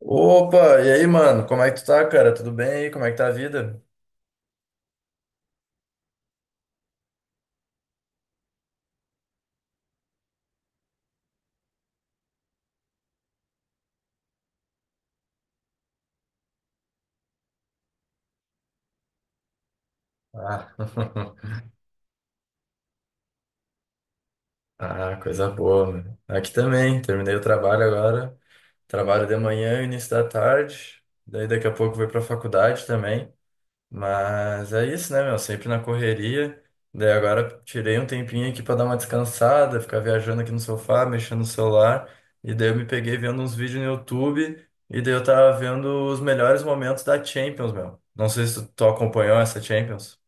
Opa, e aí, mano? Como é que tu tá, cara? Tudo bem aí? Como é que tá a vida? Ah, Ah, coisa boa, mano. Aqui também, terminei o trabalho agora. Trabalho de manhã, início da tarde. Daí daqui a pouco vou pra faculdade também. Mas é isso, né, meu? Sempre na correria. Daí agora tirei um tempinho aqui pra dar uma descansada, ficar viajando aqui no sofá, mexendo no celular. E daí eu me peguei vendo uns vídeos no YouTube. E daí eu tava vendo os melhores momentos da Champions, meu. Não sei se tu acompanhou essa Champions.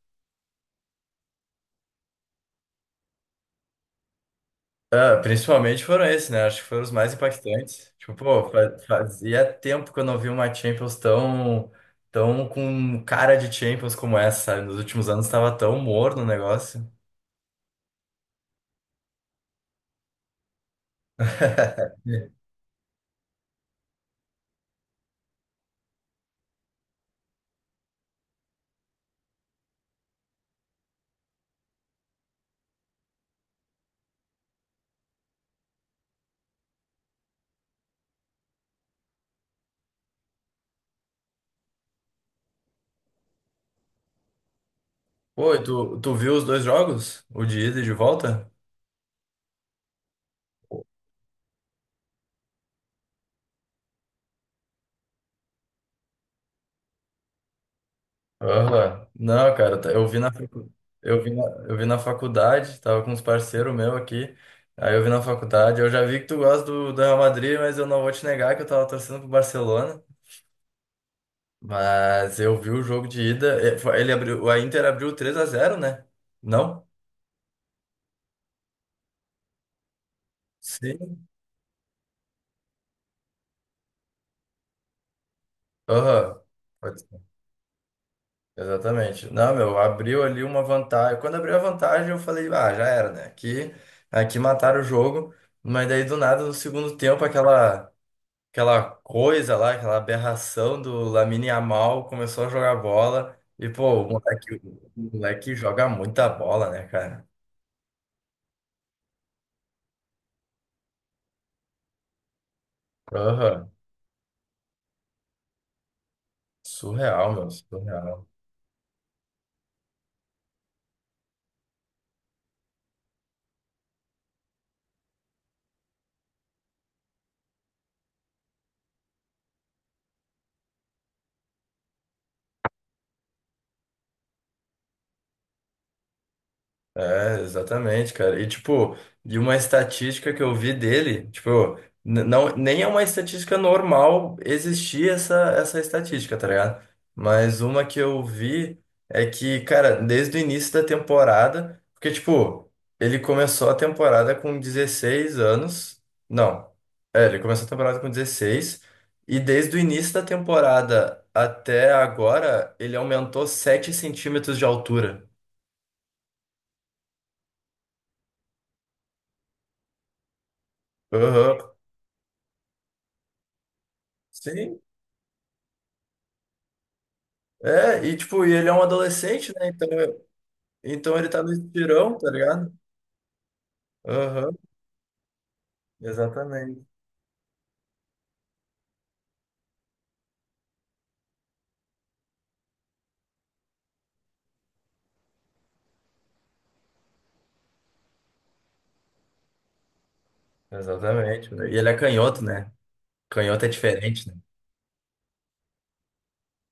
Ah, principalmente foram esses, né? Acho que foram os mais impactantes. Tipo, pô, fazia tempo que eu não vi uma Champions tão com cara de Champions como essa, sabe? Nos últimos anos tava tão morno o negócio. Pô, e tu viu os dois jogos? O de ida e de volta? Aham. Não, cara, eu eu eu vi na faculdade, tava com uns parceiros meus aqui. Aí eu vi na faculdade, eu já vi que tu gosta do Real Madrid, mas eu não vou te negar que eu tava torcendo pro Barcelona. Mas eu vi o jogo de ida, ele abriu, a Inter abriu 3-0, né? Não? Sim. Aham. Exatamente. Não, meu, abriu ali uma vantagem. Quando abriu a vantagem, eu falei, ah, já era, né? Aqui, aqui mataram o jogo. Mas daí, do nada, no segundo tempo, aquela coisa lá, aquela aberração do Lamine Yamal começou a jogar bola. E, pô, o moleque joga muita bola, né, cara? Aham. Surreal, meu, surreal. É, exatamente, cara. E tipo, de uma estatística que eu vi dele, tipo, não, nem é uma estatística normal existir essa estatística, tá ligado? Mas uma que eu vi é que, cara, desde o início da temporada, porque, tipo, ele começou a temporada com 16 anos. Não, é, ele começou a temporada com 16 e desde o início da temporada até agora, ele aumentou 7 centímetros de altura. Aham. Sim, é, e tipo, e ele é um adolescente, né? Então ele tá no estirão, tá ligado? Aham, exatamente. Exatamente, né? E ele é canhoto, né? Canhoto é diferente, né?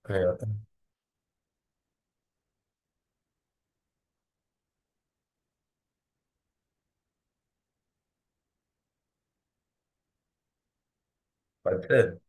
Canhoto pode ser.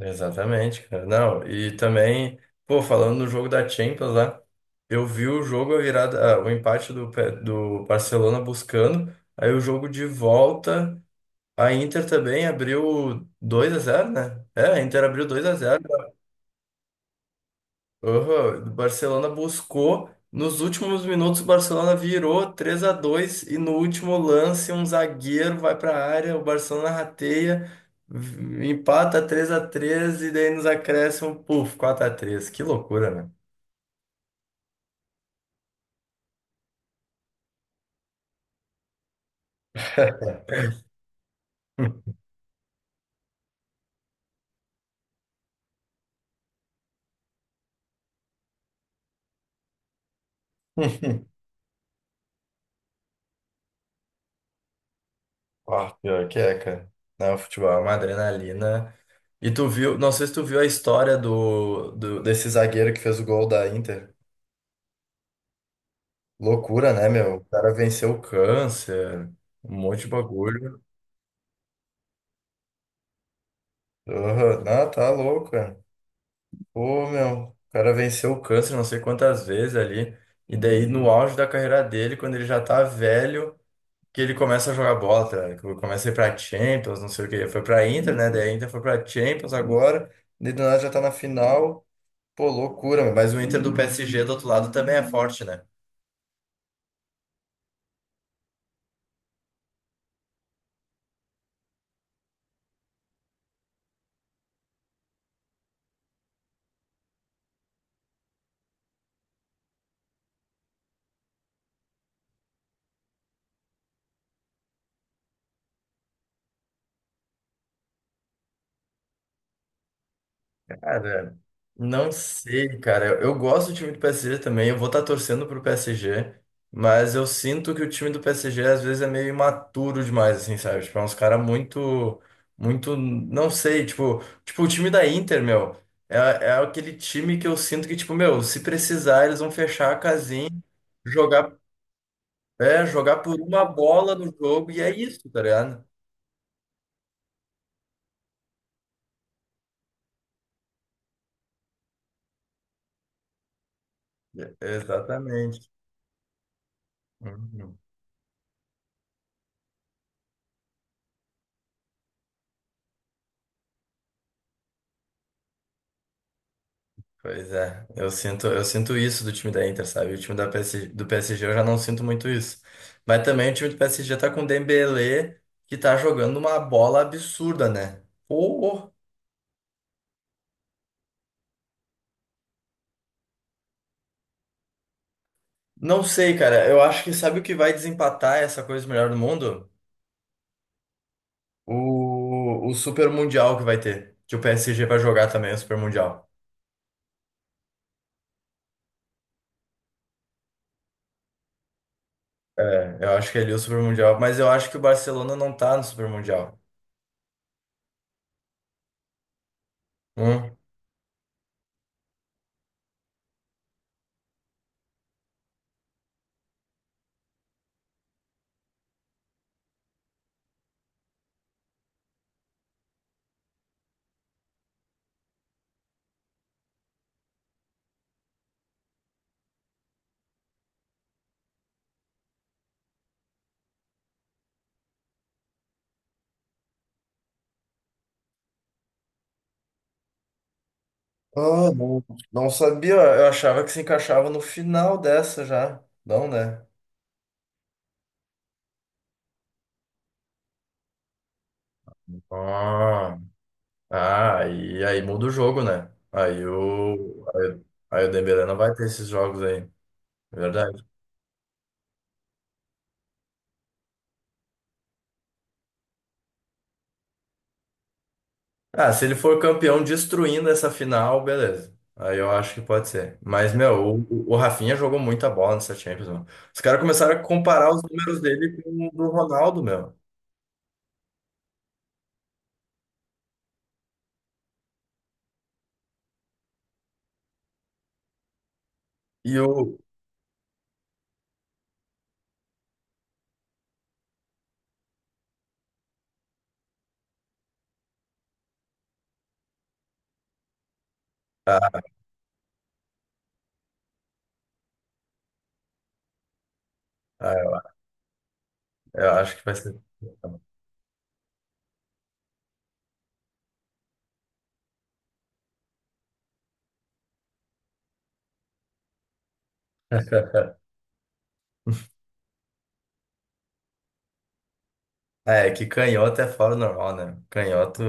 Exatamente, cara. Não, e também, pô, falando no jogo da Champions lá, eu vi o jogo, a virada, ah, o empate do, do Barcelona buscando, aí o jogo de volta, a Inter também abriu 2-0, né? É, a Inter abriu 2-0. Aham, o Barcelona buscou. Nos últimos minutos, o Barcelona virou 3-2 e no último lance, um zagueiro vai para a área. O Barcelona rateia, empata 3-3 e daí nos acréscimos, puf, 4-3. Que loucura, né? Ah, pior que é, cara. Não, futebol é uma adrenalina. E tu viu, não sei se tu viu a história do desse zagueiro que fez o gol da Inter. Loucura, né, meu? O cara venceu o câncer, um monte de bagulho. Aham, não, tá louco, cara. Pô, meu, o cara venceu o câncer não sei quantas vezes ali. E daí, no auge da carreira dele, quando ele já tá velho, que ele começa a jogar bola, tá ligado? Que Começa a ir pra Champions, não sei o quê. Foi pra Inter, né? Daí a Inter foi pra Champions agora. E do nada já tá na final. Pô, loucura, meu. Mas o Inter do PSG do outro lado também é forte, né? Cara, não sei, cara. Eu gosto do time do PSG também. Eu vou estar torcendo pro PSG, mas eu sinto que o time do PSG às vezes é meio imaturo demais, assim, sabe? Tipo, é uns caras muito, muito, não sei, tipo, tipo, o time da Inter, meu, é aquele time que eu sinto que, tipo, meu, se precisar, eles vão fechar a casinha, jogar, é, jogar por uma bola no jogo, e é isso, tá ligado? É, exatamente. Uhum. Pois é, eu sinto isso do time da Inter, sabe? O time da PSG, do PSG eu já não sinto muito isso. Mas também o time do PSG tá com o Dembélé, que tá jogando uma bola absurda, né? Ou, não sei, cara. Eu acho que sabe o que vai desempatar essa coisa do melhor do mundo? O Super Mundial que vai ter. Que o PSG vai jogar também o Super Mundial. É, eu acho que é ali o Super Mundial, mas eu acho que o Barcelona não tá no Super Mundial. Hum? Ah, não. Não sabia, eu achava que se encaixava no final dessa já. Não, né? Ah, e aí muda o jogo, né? Aí o Dembélé não vai ter esses jogos aí, é verdade. Ah, se ele for campeão destruindo essa final, beleza. Aí eu acho que pode ser. Mas, meu, o Rafinha jogou muita bola nessa Champions, mano. Os caras começaram a comparar os números dele com o do Ronaldo, meu. E o... Ah, ah, eu acho que vai ser... É, que canhoto é fora do normal, né? Canhoto,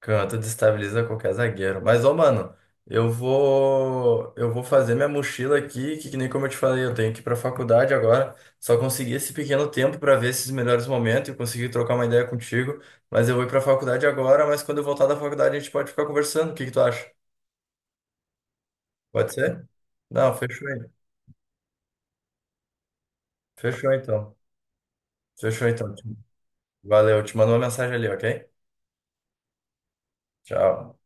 canhoto destabiliza qualquer zagueiro. Mas, ô, mano, eu vou fazer minha mochila aqui, que nem como eu te falei, eu tenho que ir pra faculdade agora. Só consegui esse pequeno tempo pra ver esses melhores momentos e conseguir trocar uma ideia contigo. Mas eu vou ir pra faculdade agora, mas quando eu voltar da faculdade a gente pode ficar conversando. O que que tu acha? Pode ser? Não, fechou aí. Fechou então. Fechou então. Valeu, eu te mando uma mensagem ali, ok? Tchau.